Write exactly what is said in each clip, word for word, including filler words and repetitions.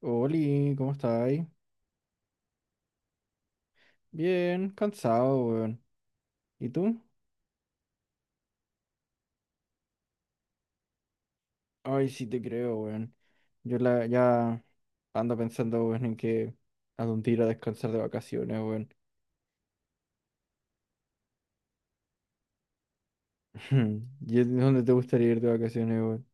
Oli, ¿cómo estáis? Bien, cansado, weón. ¿Y tú? Ay, sí te creo, weón. Yo la, ya ando pensando, weón, en que a dónde ir a descansar de vacaciones, weón. ¿Y es- dónde te gustaría ir de vacaciones, weón?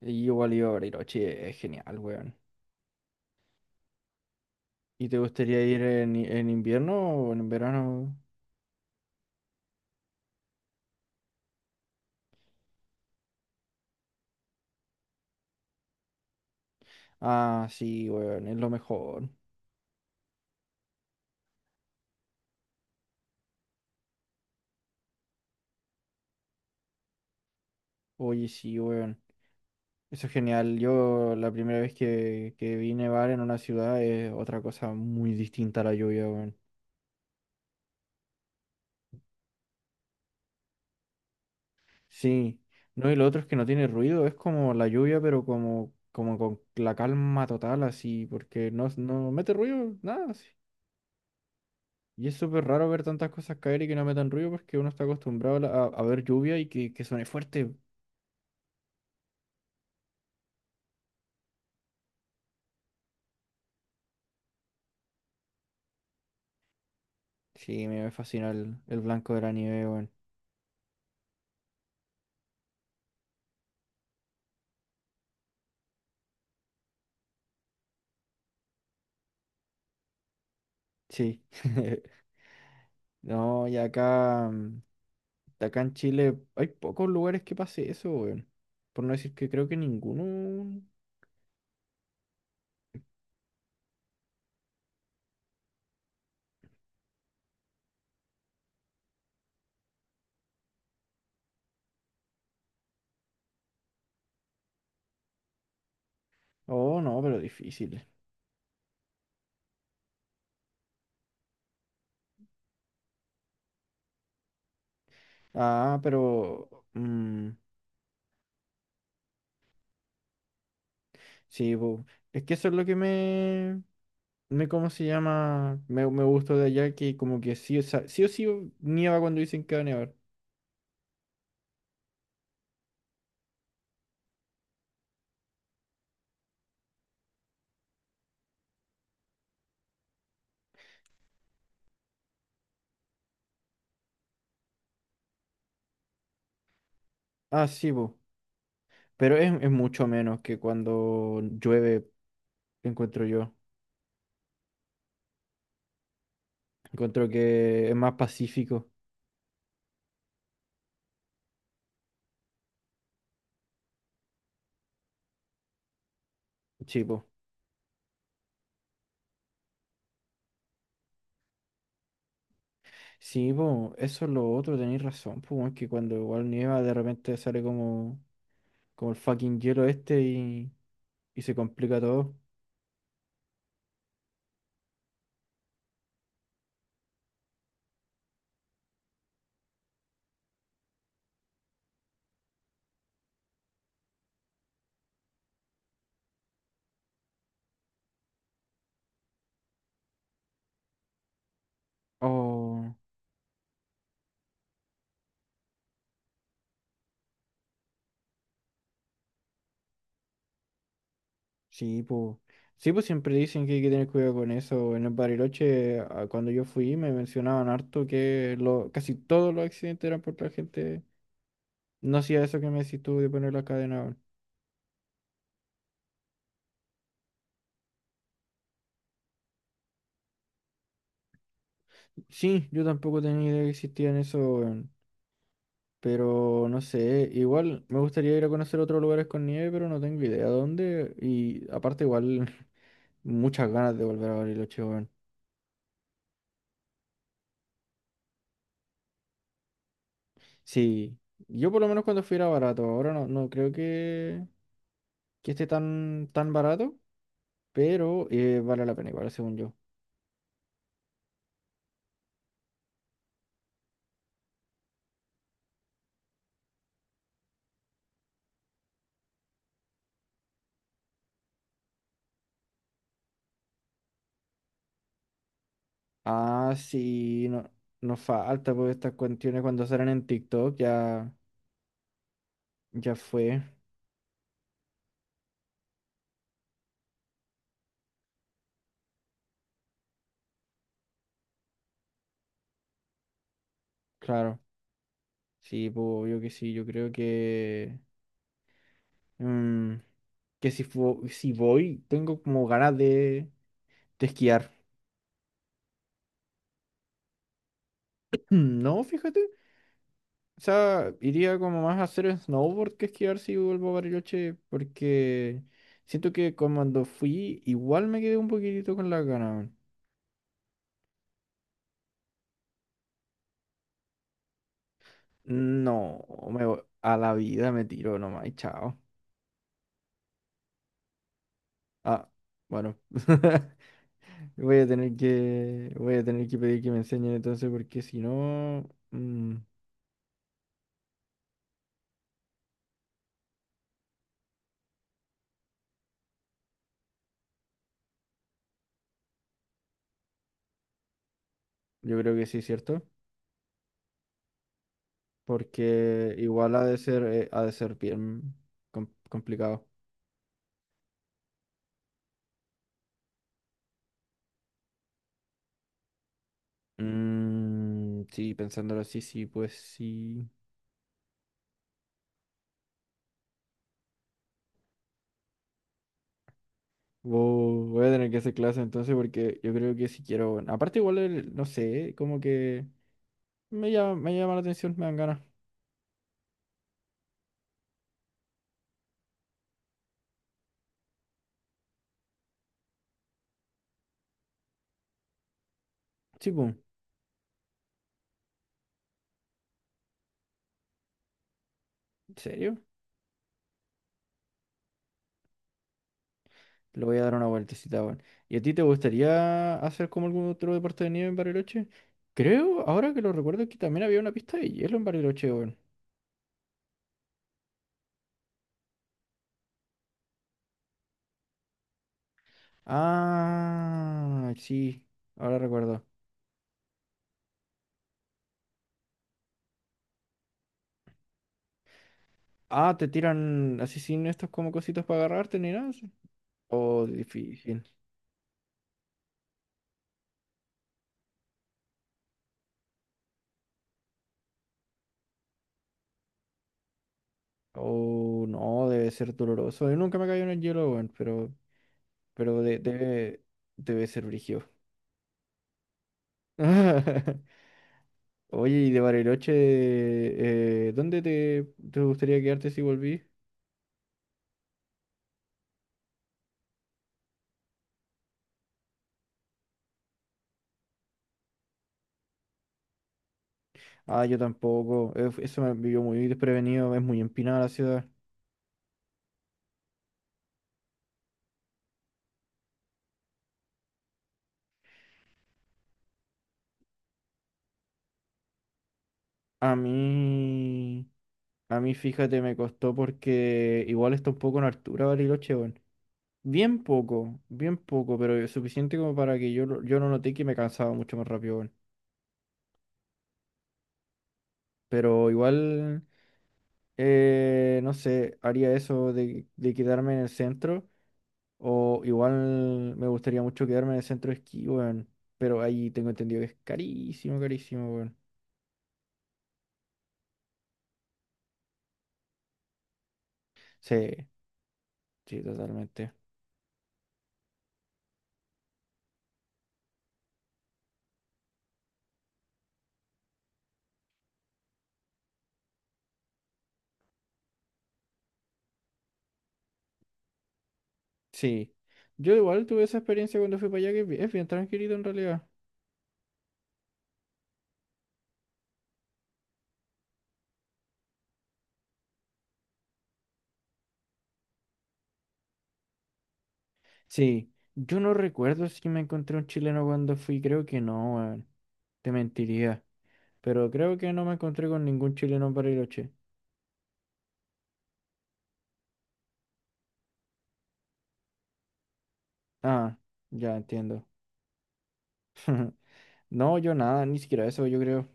Y igual iba a Bariloche, es genial, weón. ¿Y te gustaría ir en, en invierno o en verano? Ah, sí, weón, es lo mejor. Oye, sí, weón. Eso es genial. Yo la primera vez que, que vi nevar en una ciudad es otra cosa muy distinta a la lluvia, weón. Sí. No, y lo otro es que no tiene ruido, es como la lluvia, pero como, como con la calma total, así, porque no, no mete ruido, nada, así. Y es súper raro ver tantas cosas caer y que no metan ruido porque uno está acostumbrado a, la- a- a ver lluvia y que, que suene fuerte. Sí, me fascina el, el blanco de la nieve, weón. Sí. No, y acá, mm, acá en Chile hay pocos lugares que pase eso, weón. Por no decir que creo que ninguno. Oh, no, pero difícil. Ah, pero. mm, sí, po. Es que eso es lo que me. me ¿Cómo se llama? Me, me gustó de allá que, como que sí, o sea, sí o sí nieva cuando dicen que va a nevar. Ah, sí, po. Pero es, es mucho menos que cuando llueve, encuentro yo. Encuentro que es más pacífico. Sí, po. Sí, po, eso es lo otro, tenéis razón, pues, weón, que cuando igual nieva de repente sale como, como el fucking hielo este y, y se complica todo. Oh, sí, pues. Sí, pues siempre dicen que hay que tener cuidado con eso. En el Bariloche, a- cuando yo fui, me mencionaban harto que lo, casi todos los accidentes eran porque la gente no hacía eso que me decís tú de poner la cadena. Weón. Sí, yo tampoco tenía idea que existían eso. Pero no sé, igual me gustaría ir a conocer otros lugares con nieve, pero no tengo idea dónde. Y aparte igual muchas ganas de volver a Bariloche, weón. Sí, yo por lo menos cuando fui era barato, ahora no, no creo que, que esté tan, tan barato, pero eh, vale la pena igual, según yo. Ah, sí, no, no falta, porque estas cuestiones cuando salen en TikTok ya, ya fue, claro. Sí, pues obvio que sí, yo creo que... mm, que si, fu- si voy, tengo como ganas de, de esquiar. Mm, no, fíjate. O sea, iría como más a hacer snowboard que esquiar si vuelvo a Bariloche, porque siento que cuando fui, igual me quedé un poquitito con las ganas. Weón. No, me, vo- a la vida me tiro nomás y chao. Ah, bueno. Voy a tener que, voy a tener que pedir que me enseñen entonces, porque si no, mm, yo creo que sí, ¿cierto? Porque igual ha de ser, eh, ha de ser bien com- complicado. Mm, sí, pensándolo así, sí, pues sí. Vo- voy a tener que hacer clase entonces porque yo creo que si quiero... bueno, aparte igual, el- no sé, como que me llama, me llama la atención, me dan ganas. Sí, pum. ¿En serio? Le voy a dar una vueltecita, weón. ¿Y a ti te gustaría hacer como algún otro deporte de nieve en Bariloche? Creo, ahora que lo recuerdo, que también había una pista de hielo en Bariloche, weón. Ah, sí, ahora recuerdo. Ah, te tiran así sin estos como cositos para agarrarte ni nada, ¿así? Oh, difícil. Oh, no, debe ser doloroso. Yo nunca me caí en el hielo, weón, pero, pero de- debe, debe ser brígido. Oye, y de Bariloche, eh, ¿dónde te, te gustaría quedarte si volví? Ah, yo tampoco. eh, Eso me vivió muy desprevenido, es muy empinada la ciudad. A mí. A mí, fíjate, me costó porque igual está un poco en altura Bariloche, weón. Bien poco, bien poco, pero suficiente como para que yo, lo- yo no noté que me cansaba mucho más rápido, weón. Pero igual, eh, no sé, haría eso de, de quedarme en el centro. O igual me gustaría mucho quedarme en el centro de esquí, weón. Pero ahí tengo entendido que es carísimo, carísimo, weón. Sí, sí, totalmente. Sí. Yo igual tuve esa experiencia cuando fui para allá, que es bien es bien tranquilito en realidad. Sí, yo no recuerdo si me encontré un chileno cuando fui, creo que no, weón. Te mentiría. Pero creo que no me encontré con ningún chileno en Bariloche. Ah, ya entiendo. No, yo nada, ni siquiera eso, yo creo.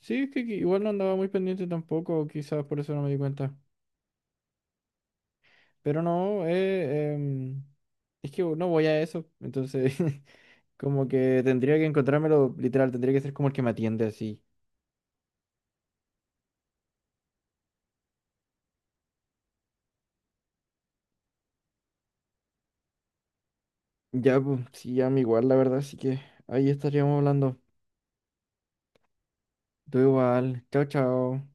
Sí, es que que igual no andaba muy pendiente tampoco, quizás por eso no me di cuenta. Pero no, eh, em, es que no voy a eso, entonces como que tendría que encontrármelo, literal, tendría que ser como el que me atiende así. Ya, pues, sí, ya me igual, la verdad, así que ahí estaríamos hablando. Tú igual. Chao, chao.